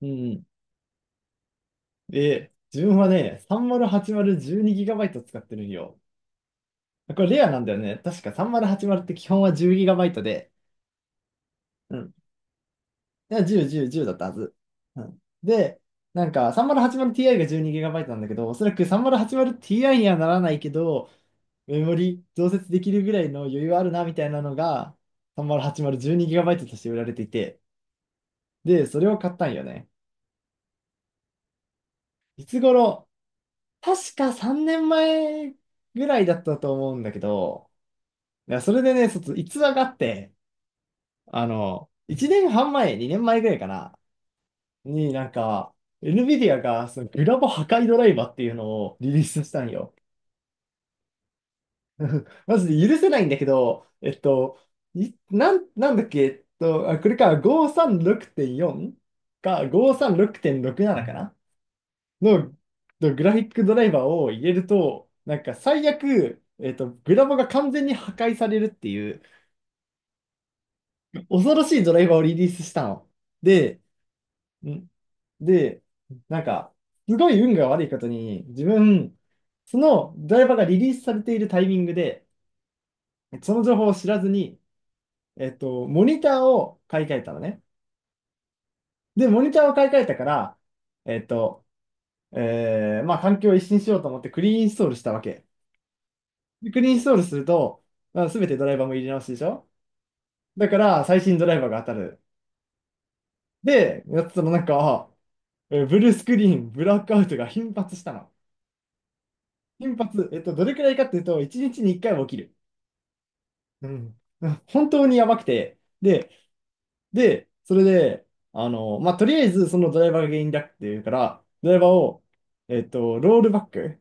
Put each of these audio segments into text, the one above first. うん。で、自分はね、308012GB 使ってるんよ。これレアなんだよね。確か3080って基本は 10GB で、うん。いや10、10、10だったはず。うん。で、3080Ti が 12GB なんだけど、おそらく 3080Ti にはならないけど、メモリ増設できるぐらいの余裕あるなみたいなのが 308012GB として売られていて、で、それを買ったんよね。いつ頃、確か3年前ぐらいだったと思うんだけど、いや、それでね、逸話があって、1年半前、2年前ぐらいかな、になんか、NVIDIA がそのグラボ破壊ドライバーっていうのをリリースしたんよ。マジで許せないんだけど、いなん、なんだっけ、あ、これか、536.4か、536.67かなの、のグラフィックドライバーを入れると、なんか最悪、グラボが完全に破壊されるっていう、恐ろしいドライバーをリリースしたの。で、んで、なんか、すごい運が悪いことに、自分、そのドライバーがリリースされているタイミングで、その情報を知らずに、モニターを買い替えたのね。で、モニターを買い替えたから、えっと、環境を一新しようと思ってクリーンインストールしたわけ。でクリーンインストールすると、まあ、全てドライバーも入れ直しでしょ。だから、最新ドライバーが当たる。で、やってたらなんか、ブルースクリーン、ブラックアウトが頻発したの。頻発、どれくらいかっていうと、1日に1回は起きる。うん。うん、本当にやばくて。で、それで、あの、まあ、とりあえずそのドライバーが原因だっていうから、ドライバーを、ロールバック、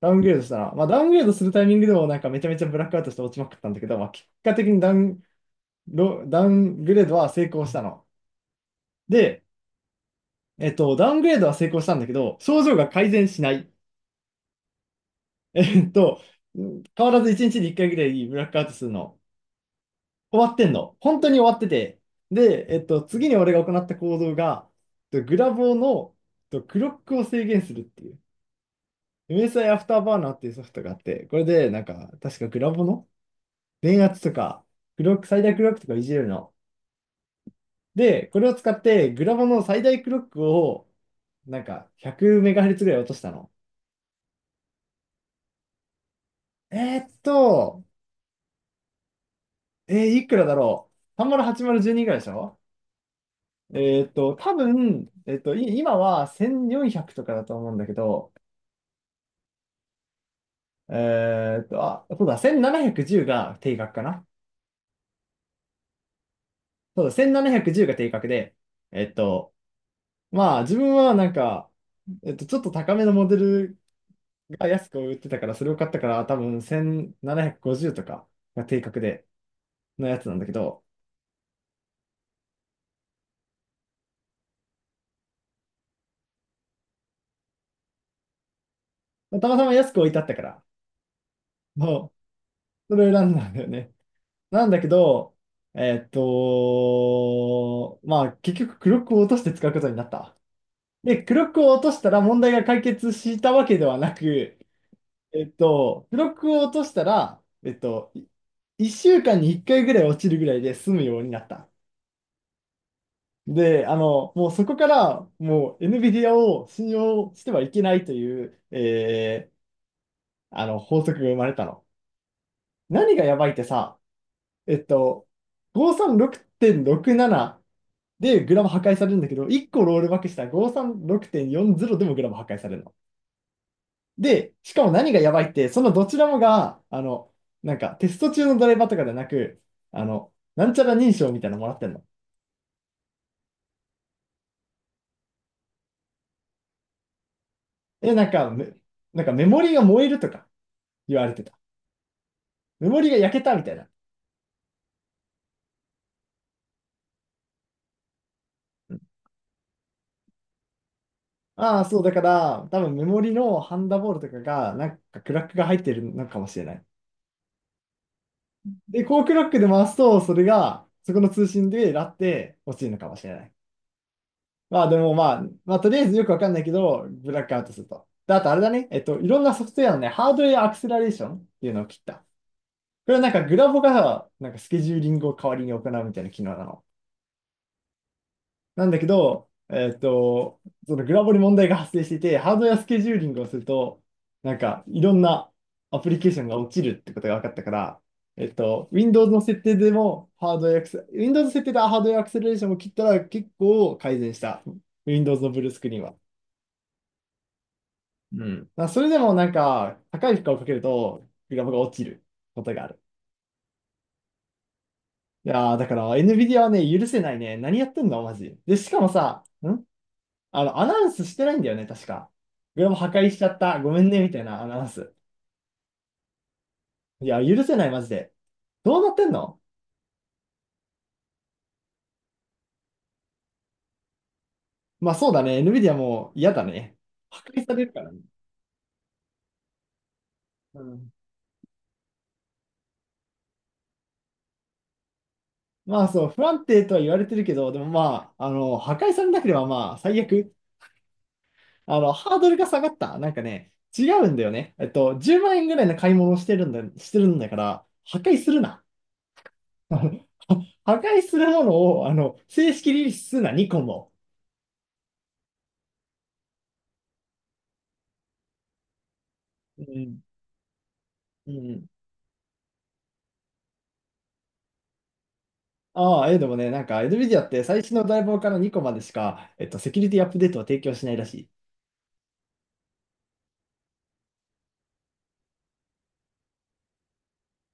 ダウングレードしたら、まあ、ダウングレードするタイミングでもなんかめちゃめちゃブラックアウトして落ちまくったんだけど、まあ、結果的にダウングレードは成功したの。で、ダウングレードは成功したんだけど、症状が改善しない。えっと、変わらず1日に1回ぐらいブラックアウトするの。終わってんの。本当に終わってて。で、次に俺が行った行動が、グラボーの、クロックを制限するっていう。MSI アイアフターバーナーっていうソフトがあって、これで、なんか、確かグラボーの電圧とか、クロック、最大クロックとかいじれるの。で、これを使って、グラボーの最大クロックを、なんか、100MHz ぐらい落としたの。えーっと、いくらだろう？ 308012 ぐらいでしょ。えーっと、多分、えーっと、今は1400とかだと思うんだけど、あ、そうだ、1710が定格かな。そうだ、1710が定格で、えっと、まあ、自分はなんか、ちょっと高めのモデルが安く売ってたから、それを買ったから、多分1750とかが定格で、のやつなんだけど、まあたまたま安く置いてあったから、もう、それを選んだんだよね。なんだけど、まあ、結局、クロックを落として使うことになった。で、クロックを落としたら問題が解決したわけではなく、記録を落としたら、1週間に1回ぐらい落ちるぐらいで済むようになった。で、あの、もうそこから、もう NVIDIA を信用してはいけないという、法則が生まれたの。何がやばいってさ、えっと、536.67でグラム破壊されるんだけど、1個ロールバックしたら536.40でもグラム破壊されるの。で、しかも何がやばいって、そのどちらもが、あの、なんかテスト中のドライバーとかではなく、あの、なんちゃら認証みたいなのもらってんの。え、なんか、め、なんかメモリが燃えるとか言われてた。メモリが焼けたみたいな。ああ、そう、だから、多分メモリのハンダボールとかが、なんかクラックが入ってるのかもしれない。で、こうクラックで回すと、それが、そこの通信でラって落ちるのかもしれない。まあでもまあ、まあとりあえずよくわかんないけど、ブラックアウトすると。で、あとあれだね。いろんなソフトウェアのね、ハードウェアアクセラレーションっていうのを切った。これはなんかグラボが、なんかスケジューリングを代わりに行うみたいな機能なの。なんだけど、そのグラボに問題が発生していて、ハードウェアスケジューリングをすると、なんかいろんなアプリケーションが落ちるってことが分かったから、Windows の設定でもハードウェアアクセ、Windows の設定でハードウェアアクセラレーションを切ったら結構改善した。Windows のブルースクリーンは。うん。まあそれでもなんか、高い負荷をかけると、グラフが落ちることがある。いやー、だから NVIDIA はね、許せないね。何やってんのマジ。で、しかもさ、あの、アナウンスしてないんだよね、確か。グラフ破壊しちゃった。ごめんね、みたいなアナウンス。いや、許せない、マジで。どうなってんの？まあ、そうだね。NVIDIA も嫌だね。破壊されるからね。うん。まあそう、不安定とは言われてるけど、でもまあ、あの、破壊されなければまあ、最悪。あの、ハードルが下がった。なんかね、違うんだよね。10万円ぐらいの買い物をしてるんだ、してるんだから、破壊するな。破壊するものを、あの、正式リリースするな、ニコンも。うん。うん。ああ、でもね、なんか、NVIDIA って最新のドライバーからニコンまでしか、セキュリティアップデートは提供しないらし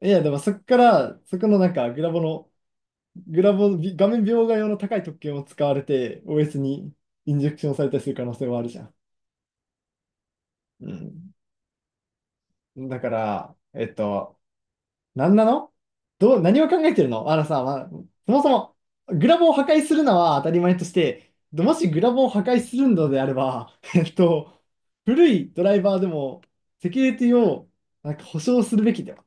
い。いや、でもそこから、そこのなんか、グラボの、グラボ、び画面描画用の高い特権を使われて、OS にインジェクションされたりする可能性もあるじゃん。うん。だから、なんなの。どう、何を考えてるの。あのさ、まあ、そもそも、グラボを破壊するのは当たり前として、もしグラボを破壊するのであれば、古いドライバーでも、セキュリティを、なんか保証するべきだよ。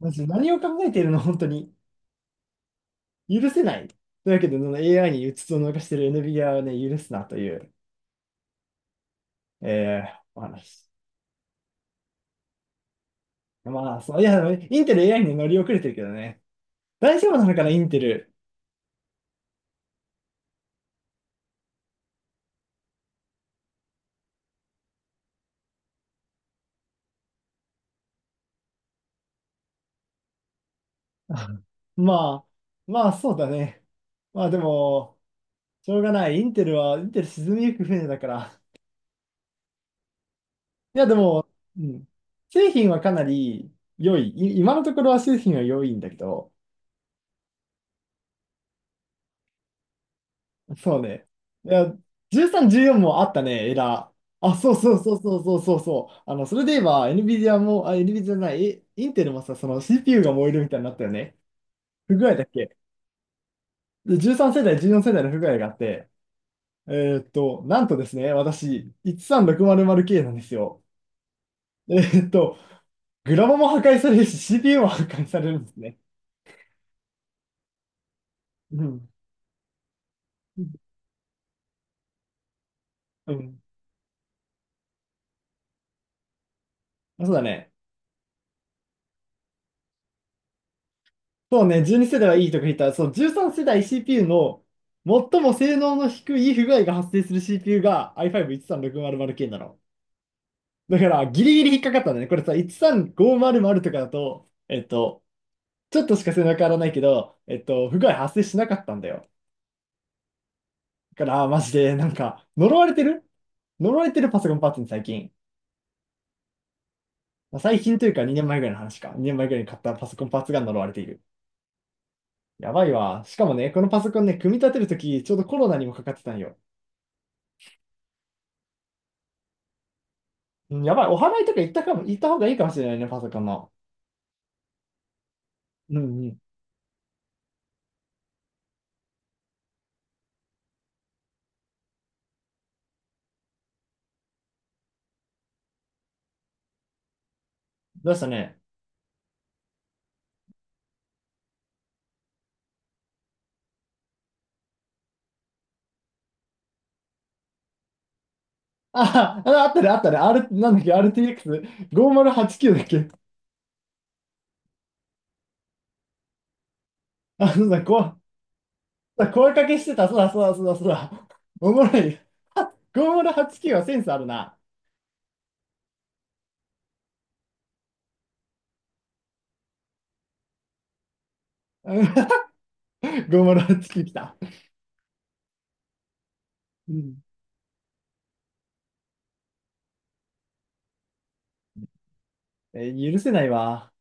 マジ、何を考えているの本当に。許せない。というわけで、その AI にうつつを抜かしている NVIDIA をね、許すなという、お話。まあ、そう、いや、インテル AI に乗り遅れてるけどね。大丈夫なのかな、インテル。ままあ、そうだね。まあでも、しょうがない。インテル沈みゆく船だから。いやでも、うん。製品はかなり良い。今のところは製品は良いんだけど、そうね。いや、13、14もあったね、エラー。あ、そうそうそうそうそうそうそう。あの、それで言えば、NVIDIA も、あ、NVIDIA じゃない、インテルもさ、その CPU が燃えるみたいになったよね。不具合だっけ？13 世代、14世代の不具合があって、なんとですね、私、13600K なんですよ。えーっと、グラボも破壊されるし、CPU も破壊されるんですね。うん。うん。そうだね。そうね、12世代はいいとか言ったら、その13世代 CPU の最も性能の低い不具合が発生する CPU が i5-13600K なの。だから、ギリギリ引っかかったんだね。これさ、13500とかだと、ちょっとしか背中変わらないけど、不具合発生しなかったんだよ。だから、マジで、なんか、呪われてるパソコンパーツに最近。まあ最近というか2年前ぐらいの話か。2年前ぐらいに買ったパソコンパーツが呪われている。やばいわ。しかもね、このパソコンね、組み立てるとき、ちょうどコロナにもかかってたんよ。うん、やばい。お祓いとか行ったかも、行った方がいいかもしれないね、パソコンの。うんうん。どうしたね。あ、ああったね、あったね。なんだっけ、RTX5089 だっけ。あ、そうだ、こう声かけしてた。そうだ、そうだ、そうだ、そうだ。おもろい。5089はちきゅうはセンスあるな。うん ローマの月来た。うん。許せないわ。